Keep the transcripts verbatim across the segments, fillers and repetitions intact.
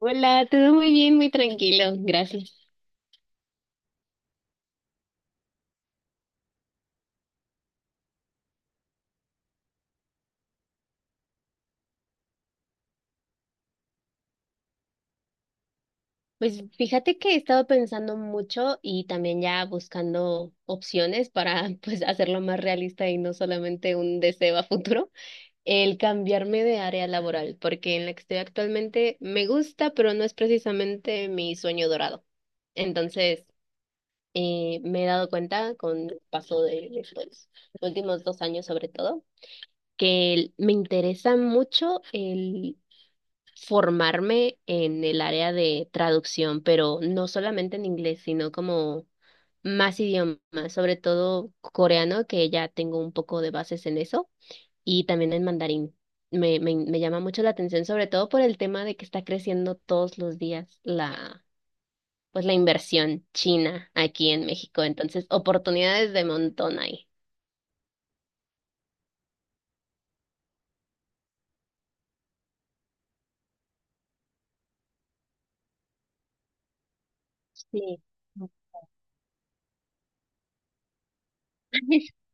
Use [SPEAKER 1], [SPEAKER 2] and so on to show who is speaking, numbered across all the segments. [SPEAKER 1] Hola, todo muy bien, muy tranquilo, gracias. Pues fíjate que he estado pensando mucho y también ya buscando opciones para pues hacerlo más realista y no solamente un deseo a futuro, el cambiarme de área laboral, porque en la que estoy actualmente me gusta, pero no es precisamente mi sueño dorado. Entonces, eh, me he dado cuenta con el paso de los últimos dos años sobre todo, que me interesa mucho el formarme en el área de traducción, pero no solamente en inglés, sino como más idiomas, sobre todo coreano, que ya tengo un poco de bases en eso, y también en mandarín. Me, me, me llama mucho la atención, sobre todo por el tema de que está creciendo todos los días la, pues la inversión china aquí en México. Entonces, oportunidades de montón hay. Sí.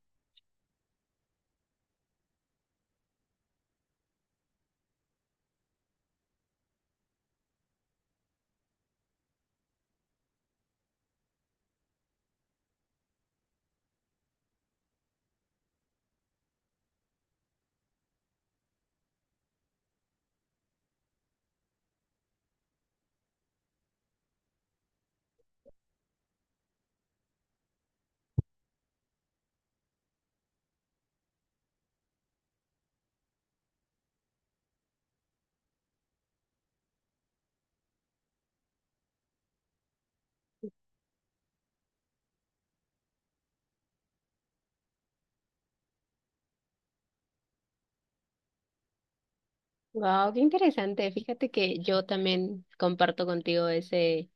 [SPEAKER 1] Wow, qué interesante. Fíjate que yo también comparto contigo ese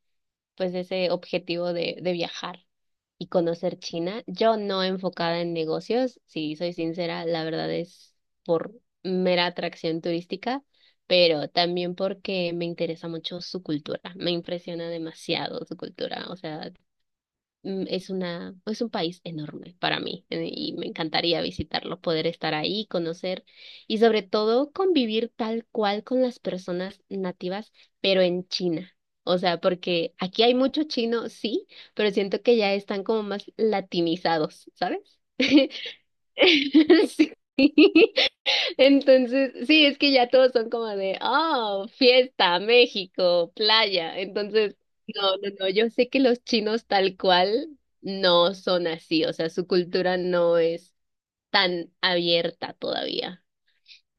[SPEAKER 1] pues ese objetivo de, de viajar y conocer China. Yo no enfocada en negocios, si soy sincera, la verdad es por mera atracción turística, pero también porque me interesa mucho su cultura, me impresiona demasiado su cultura, o sea, mm, es una, es un país enorme para mí eh, y me encantaría visitarlo, poder estar ahí, conocer y sobre todo convivir tal cual con las personas nativas, pero en China. O sea, porque aquí hay mucho chino, sí, pero siento que ya están como más latinizados, ¿sabes? Sí, entonces, sí, es que ya todos son como de, oh, fiesta, México, playa. Entonces, no, no, no, yo sé que los chinos tal cual no son así, o sea, su cultura no es tan abierta todavía.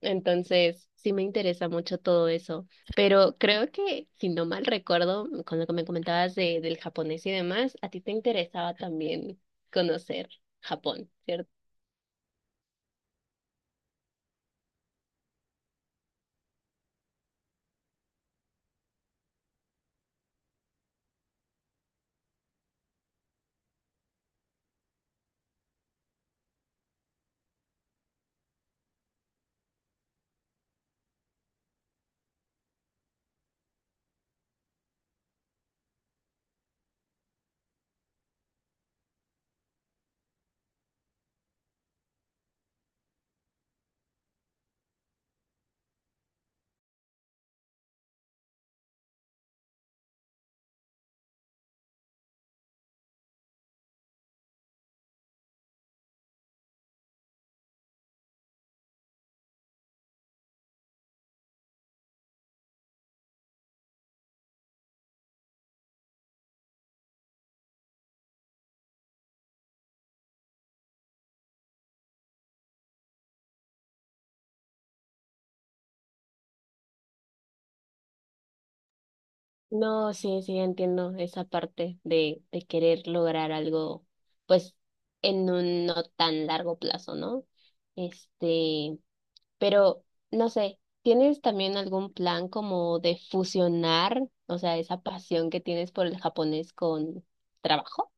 [SPEAKER 1] Entonces, sí me interesa mucho todo eso. Pero creo que, si no mal recuerdo, con lo que me comentabas de, del japonés y demás, a ti te interesaba también conocer Japón, ¿cierto? No, sí, sí, entiendo esa parte de, de querer lograr algo, pues, en un no tan largo plazo, ¿no? Este, pero, no sé, ¿tienes también algún plan como de fusionar, o sea, esa pasión que tienes por el japonés con trabajo?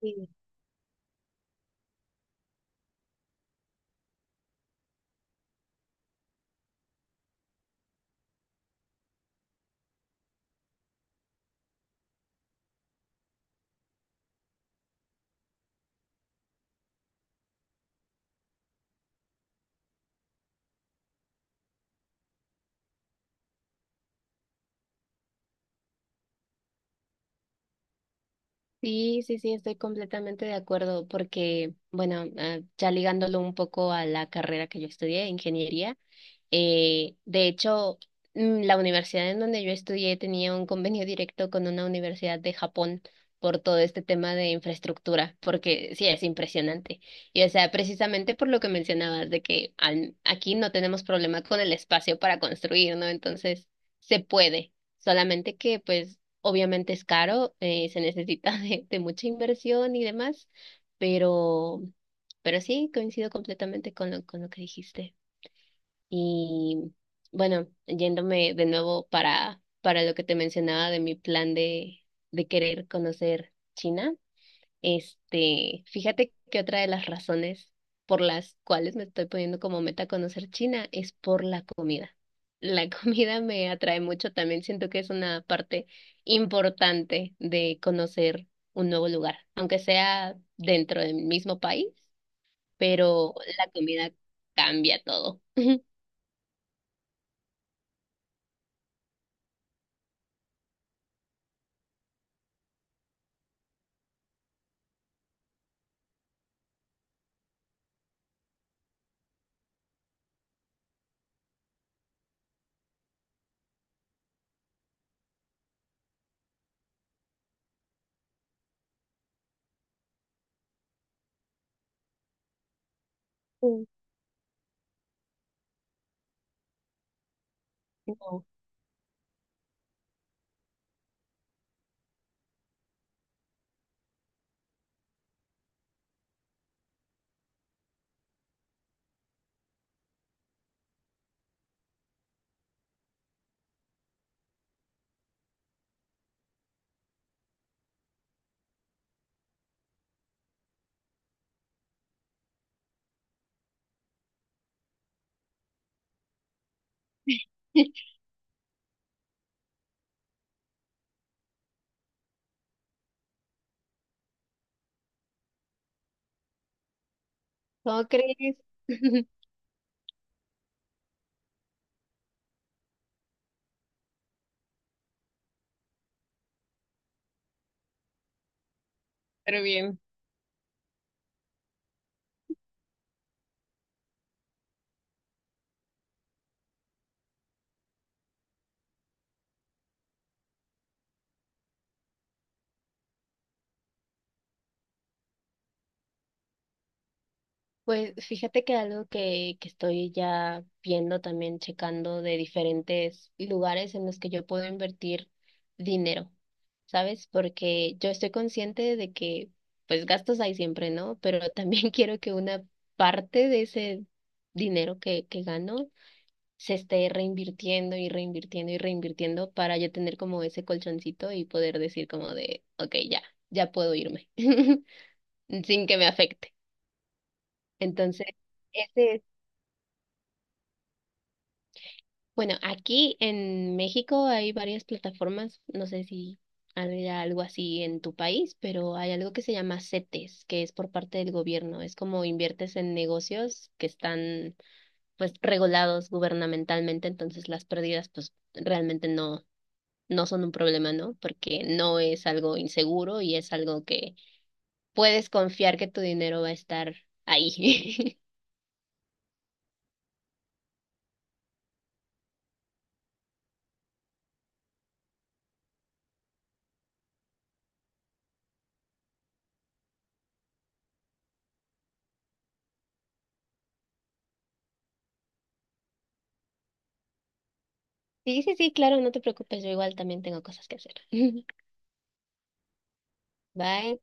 [SPEAKER 1] Sí, sí, sí, sí, estoy completamente de acuerdo porque, bueno, ah, ya ligándolo un poco a la carrera que yo estudié, ingeniería. Eh, de hecho, mm, la universidad en donde yo estudié tenía un convenio directo con una universidad de Japón por todo este tema de infraestructura, porque sí, es impresionante. Y o sea, precisamente por lo que mencionabas, de que al- aquí no tenemos problema con el espacio para construir, ¿no? Entonces, se puede, solamente que pues obviamente es caro, eh, se necesita de, de mucha inversión y demás, pero, pero sí, coincido completamente con lo, con lo que dijiste. Y bueno, yéndome de nuevo para, para lo que te mencionaba de mi plan de, de querer conocer China, este, fíjate que otra de las razones por las cuales me estoy poniendo como meta conocer China es por la comida. La comida me atrae mucho, también siento que es una parte importante de conocer un nuevo lugar, aunque sea dentro del mismo país, pero la comida cambia todo. No. ¿Cómo crees? Pero bien. Pues fíjate que algo que, que estoy ya viendo también, checando de diferentes lugares en los que yo puedo invertir dinero, ¿sabes? Porque yo estoy consciente de que pues gastos hay siempre, ¿no? Pero también quiero que una parte de ese dinero que, que gano se esté reinvirtiendo y reinvirtiendo y reinvirtiendo para yo tener como ese colchoncito y poder decir como de, ok, ya, ya puedo irme. Sin que me afecte. Entonces, ese es. Bueno, aquí en México hay varias plataformas, no sé si hay algo así en tu país, pero hay algo que se llama CETES, que es por parte del gobierno. Es como inviertes en negocios que están pues regulados gubernamentalmente, entonces las pérdidas pues realmente no no son un problema, ¿no? Porque no es algo inseguro y es algo que puedes confiar que tu dinero va a estar ahí. Sí, sí, sí, claro, no te preocupes, yo igual también tengo cosas que hacer. Bye.